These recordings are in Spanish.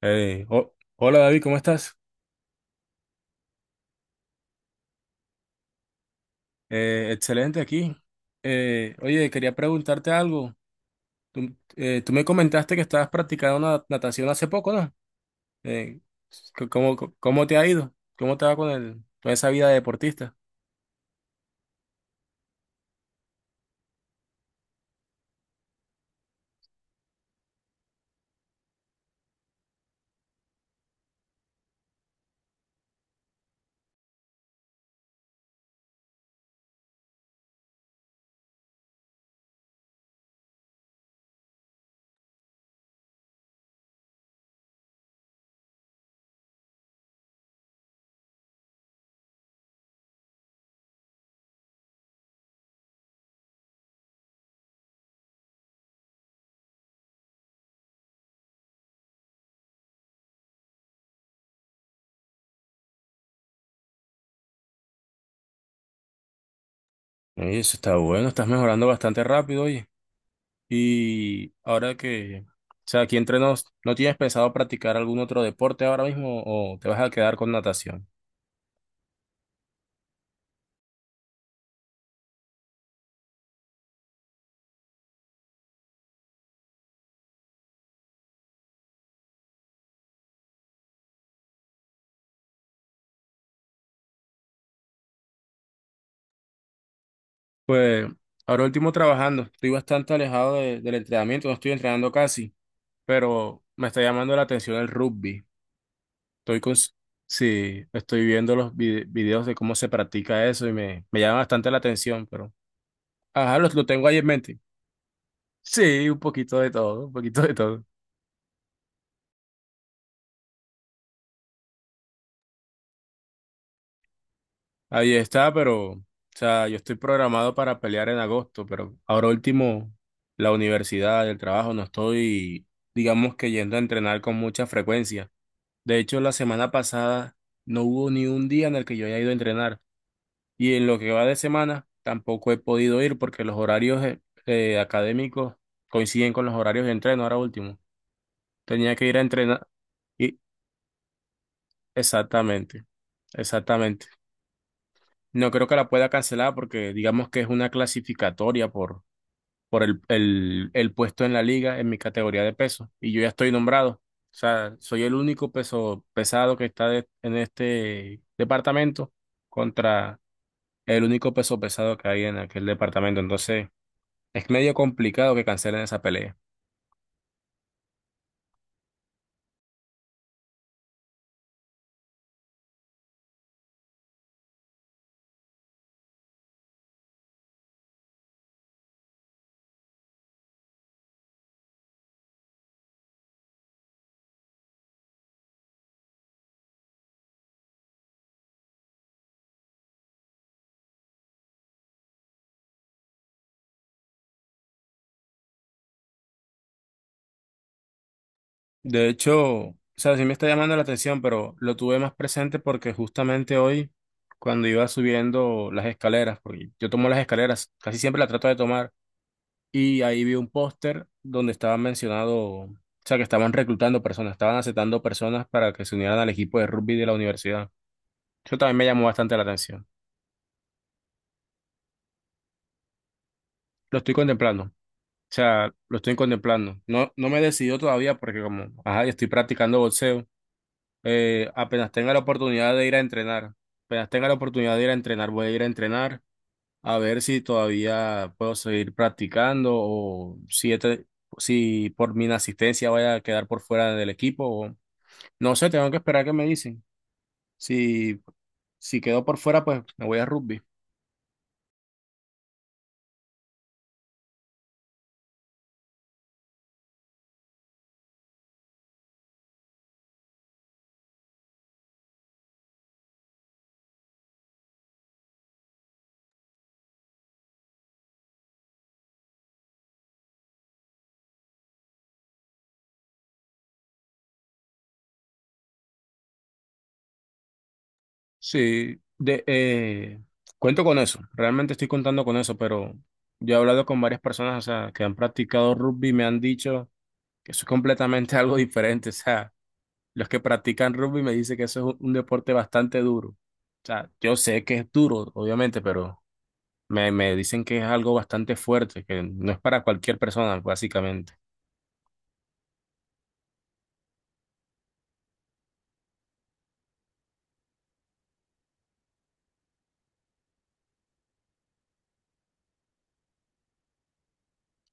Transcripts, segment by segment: Hey, hola David, ¿cómo estás? Excelente aquí. Oye, quería preguntarte algo. Tú, tú me comentaste que estabas practicando una natación hace poco, ¿no? Eh, ¿cómo te ha ido? ¿Cómo te va con con esa vida de deportista? Oye, eso está bueno, estás mejorando bastante rápido, oye. Y ahora que, o sea, aquí entre nos, ¿no tienes pensado practicar algún otro deporte ahora mismo o te vas a quedar con natación? Pues ahora último trabajando, estoy bastante alejado del entrenamiento, no estoy entrenando casi, pero me está llamando la atención el rugby. Estoy con, sí, estoy viendo los videos de cómo se practica eso y me llama bastante la atención, pero ajá, lo tengo ahí en mente. Sí, un poquito de todo, un poquito de todo. Ahí está, pero, o sea, yo estoy programado para pelear en agosto, pero ahora último, la universidad, el trabajo, no estoy, digamos que yendo a entrenar con mucha frecuencia. De hecho, la semana pasada no hubo ni un día en el que yo haya ido a entrenar y en lo que va de semana tampoco he podido ir porque los horarios académicos coinciden con los horarios de entreno. Ahora último, tenía que ir a entrenar y exactamente, exactamente. No creo que la pueda cancelar porque digamos que es una clasificatoria por el puesto en la liga en mi categoría de peso y yo ya estoy nombrado. O sea, soy el único peso pesado que está en este departamento contra el único peso pesado que hay en aquel departamento. Entonces, es medio complicado que cancelen esa pelea. De hecho, o sea, sí me está llamando la atención, pero lo tuve más presente porque justamente hoy, cuando iba subiendo las escaleras, porque yo tomo las escaleras, casi siempre las trato de tomar y ahí vi un póster donde estaban mencionado, o sea, que estaban reclutando personas, estaban aceptando personas para que se unieran al equipo de rugby de la universidad. Eso también me llamó bastante la atención. Lo estoy contemplando, o sea, lo estoy contemplando. No, no me he decidido todavía porque como, ajá, yo estoy practicando boxeo, apenas tenga la oportunidad de ir a entrenar, apenas tenga la oportunidad de ir a entrenar, voy a ir a entrenar a ver si todavía puedo seguir practicando o si, si por mi inasistencia voy a quedar por fuera del equipo. No sé, tengo que esperar que me dicen. Si, si quedo por fuera, pues me voy a rugby. Sí, cuento con eso. Realmente estoy contando con eso, pero yo he hablado con varias personas, o sea, que han practicado rugby y me han dicho que eso es completamente algo diferente. O sea, los que practican rugby me dicen que eso es un deporte bastante duro. O sea, yo sé que es duro, obviamente, pero me dicen que es algo bastante fuerte, que no es para cualquier persona, básicamente.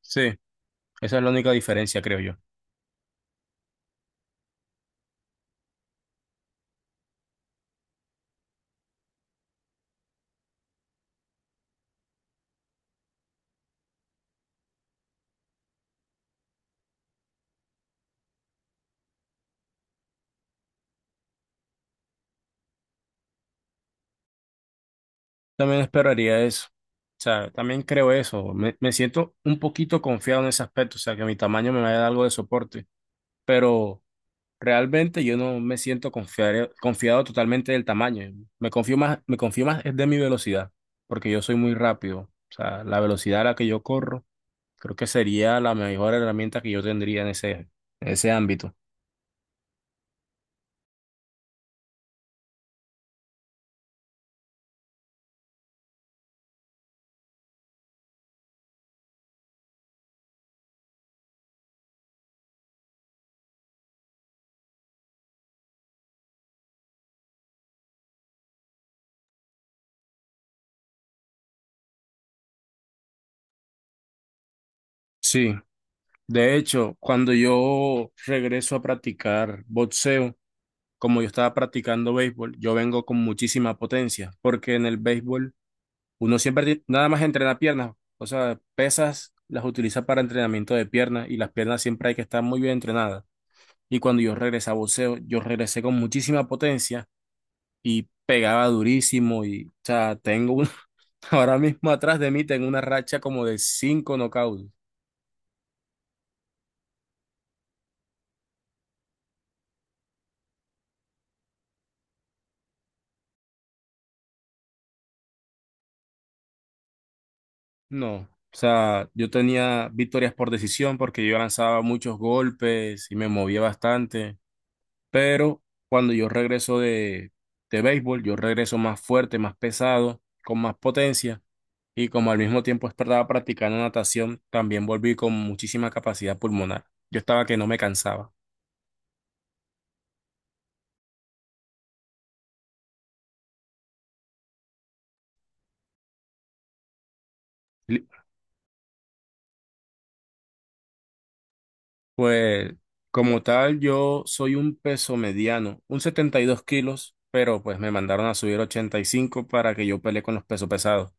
Sí, esa es la única diferencia, creo yo. También esperaría eso. O sea, también creo eso. Me siento un poquito confiado en ese aspecto. O sea, que mi tamaño me vaya a dar algo de soporte. Pero realmente yo no me siento confiado totalmente del tamaño. Me confío más es de mi velocidad. Porque yo soy muy rápido. O sea, la velocidad a la que yo corro, creo que sería la mejor herramienta que yo tendría en ese ámbito. Sí. De hecho, cuando yo regreso a practicar boxeo, como yo estaba practicando béisbol, yo vengo con muchísima potencia, porque en el béisbol uno siempre nada más entrena piernas, o sea, pesas las utiliza para entrenamiento de piernas y las piernas siempre hay que estar muy bien entrenadas. Y cuando yo regresé a boxeo, yo regresé con muchísima potencia y pegaba durísimo y, o sea, ahora mismo atrás de mí tengo una racha como de cinco knockouts. No, o sea, yo tenía victorias por decisión porque yo lanzaba muchos golpes y me movía bastante. Pero cuando yo regreso de béisbol, yo regreso más fuerte, más pesado, con más potencia. Y como al mismo tiempo estaba practicando natación, también volví con muchísima capacidad pulmonar. Yo estaba que no me cansaba. Li- Pues como tal, yo soy un peso mediano, un 72 kilos, pero pues me mandaron a subir 85 para que yo pelee con los pesos pesados. O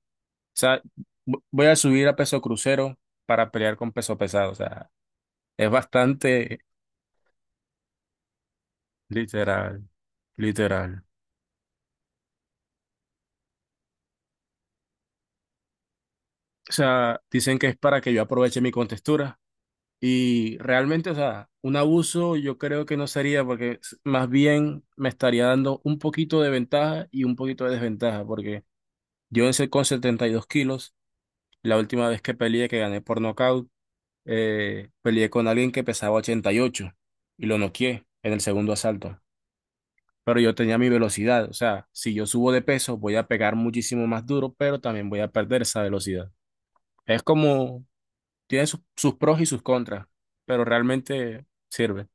sea, voy a subir a peso crucero para pelear con peso pesado. O sea, es bastante... Literal, literal. O sea, dicen que es para que yo aproveche mi contextura y realmente, o sea, un abuso yo creo que no sería porque más bien me estaría dando un poquito de ventaja y un poquito de desventaja porque yo con 72 kilos, la última vez que peleé, que gané por nocaut, peleé con alguien que pesaba 88 y ocho y lo noqueé en el segundo asalto. Pero yo tenía mi velocidad, o sea, si yo subo de peso voy a pegar muchísimo más duro, pero también voy a perder esa velocidad. Es como, tiene sus, sus pros y sus contras, pero realmente sirve. O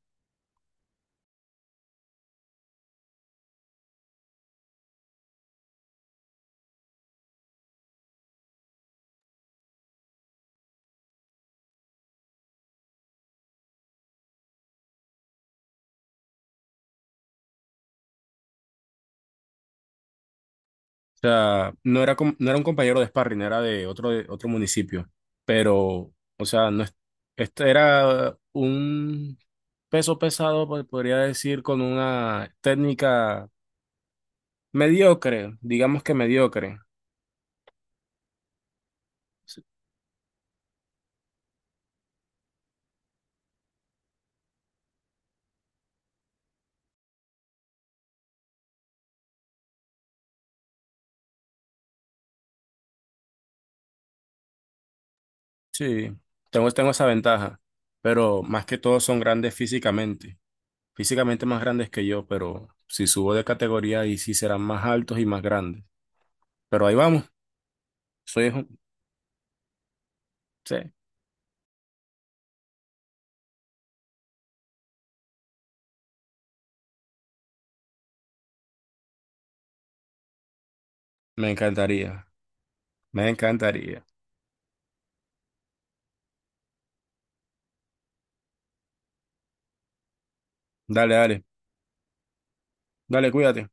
sea, no era, no era un compañero de sparring, era de otro municipio, pero, o sea, no es- este era un peso pesado, podría decir, con una técnica mediocre, digamos que mediocre. Sí, sí, tengo, tengo esa ventaja, pero más que todo son grandes físicamente. Físicamente más grandes que yo, pero si subo de categoría ahí sí serán más altos y más grandes. Pero ahí vamos. Soy, un- sí, me encantaría, me encantaría. Dale, dale, dale, cuídate.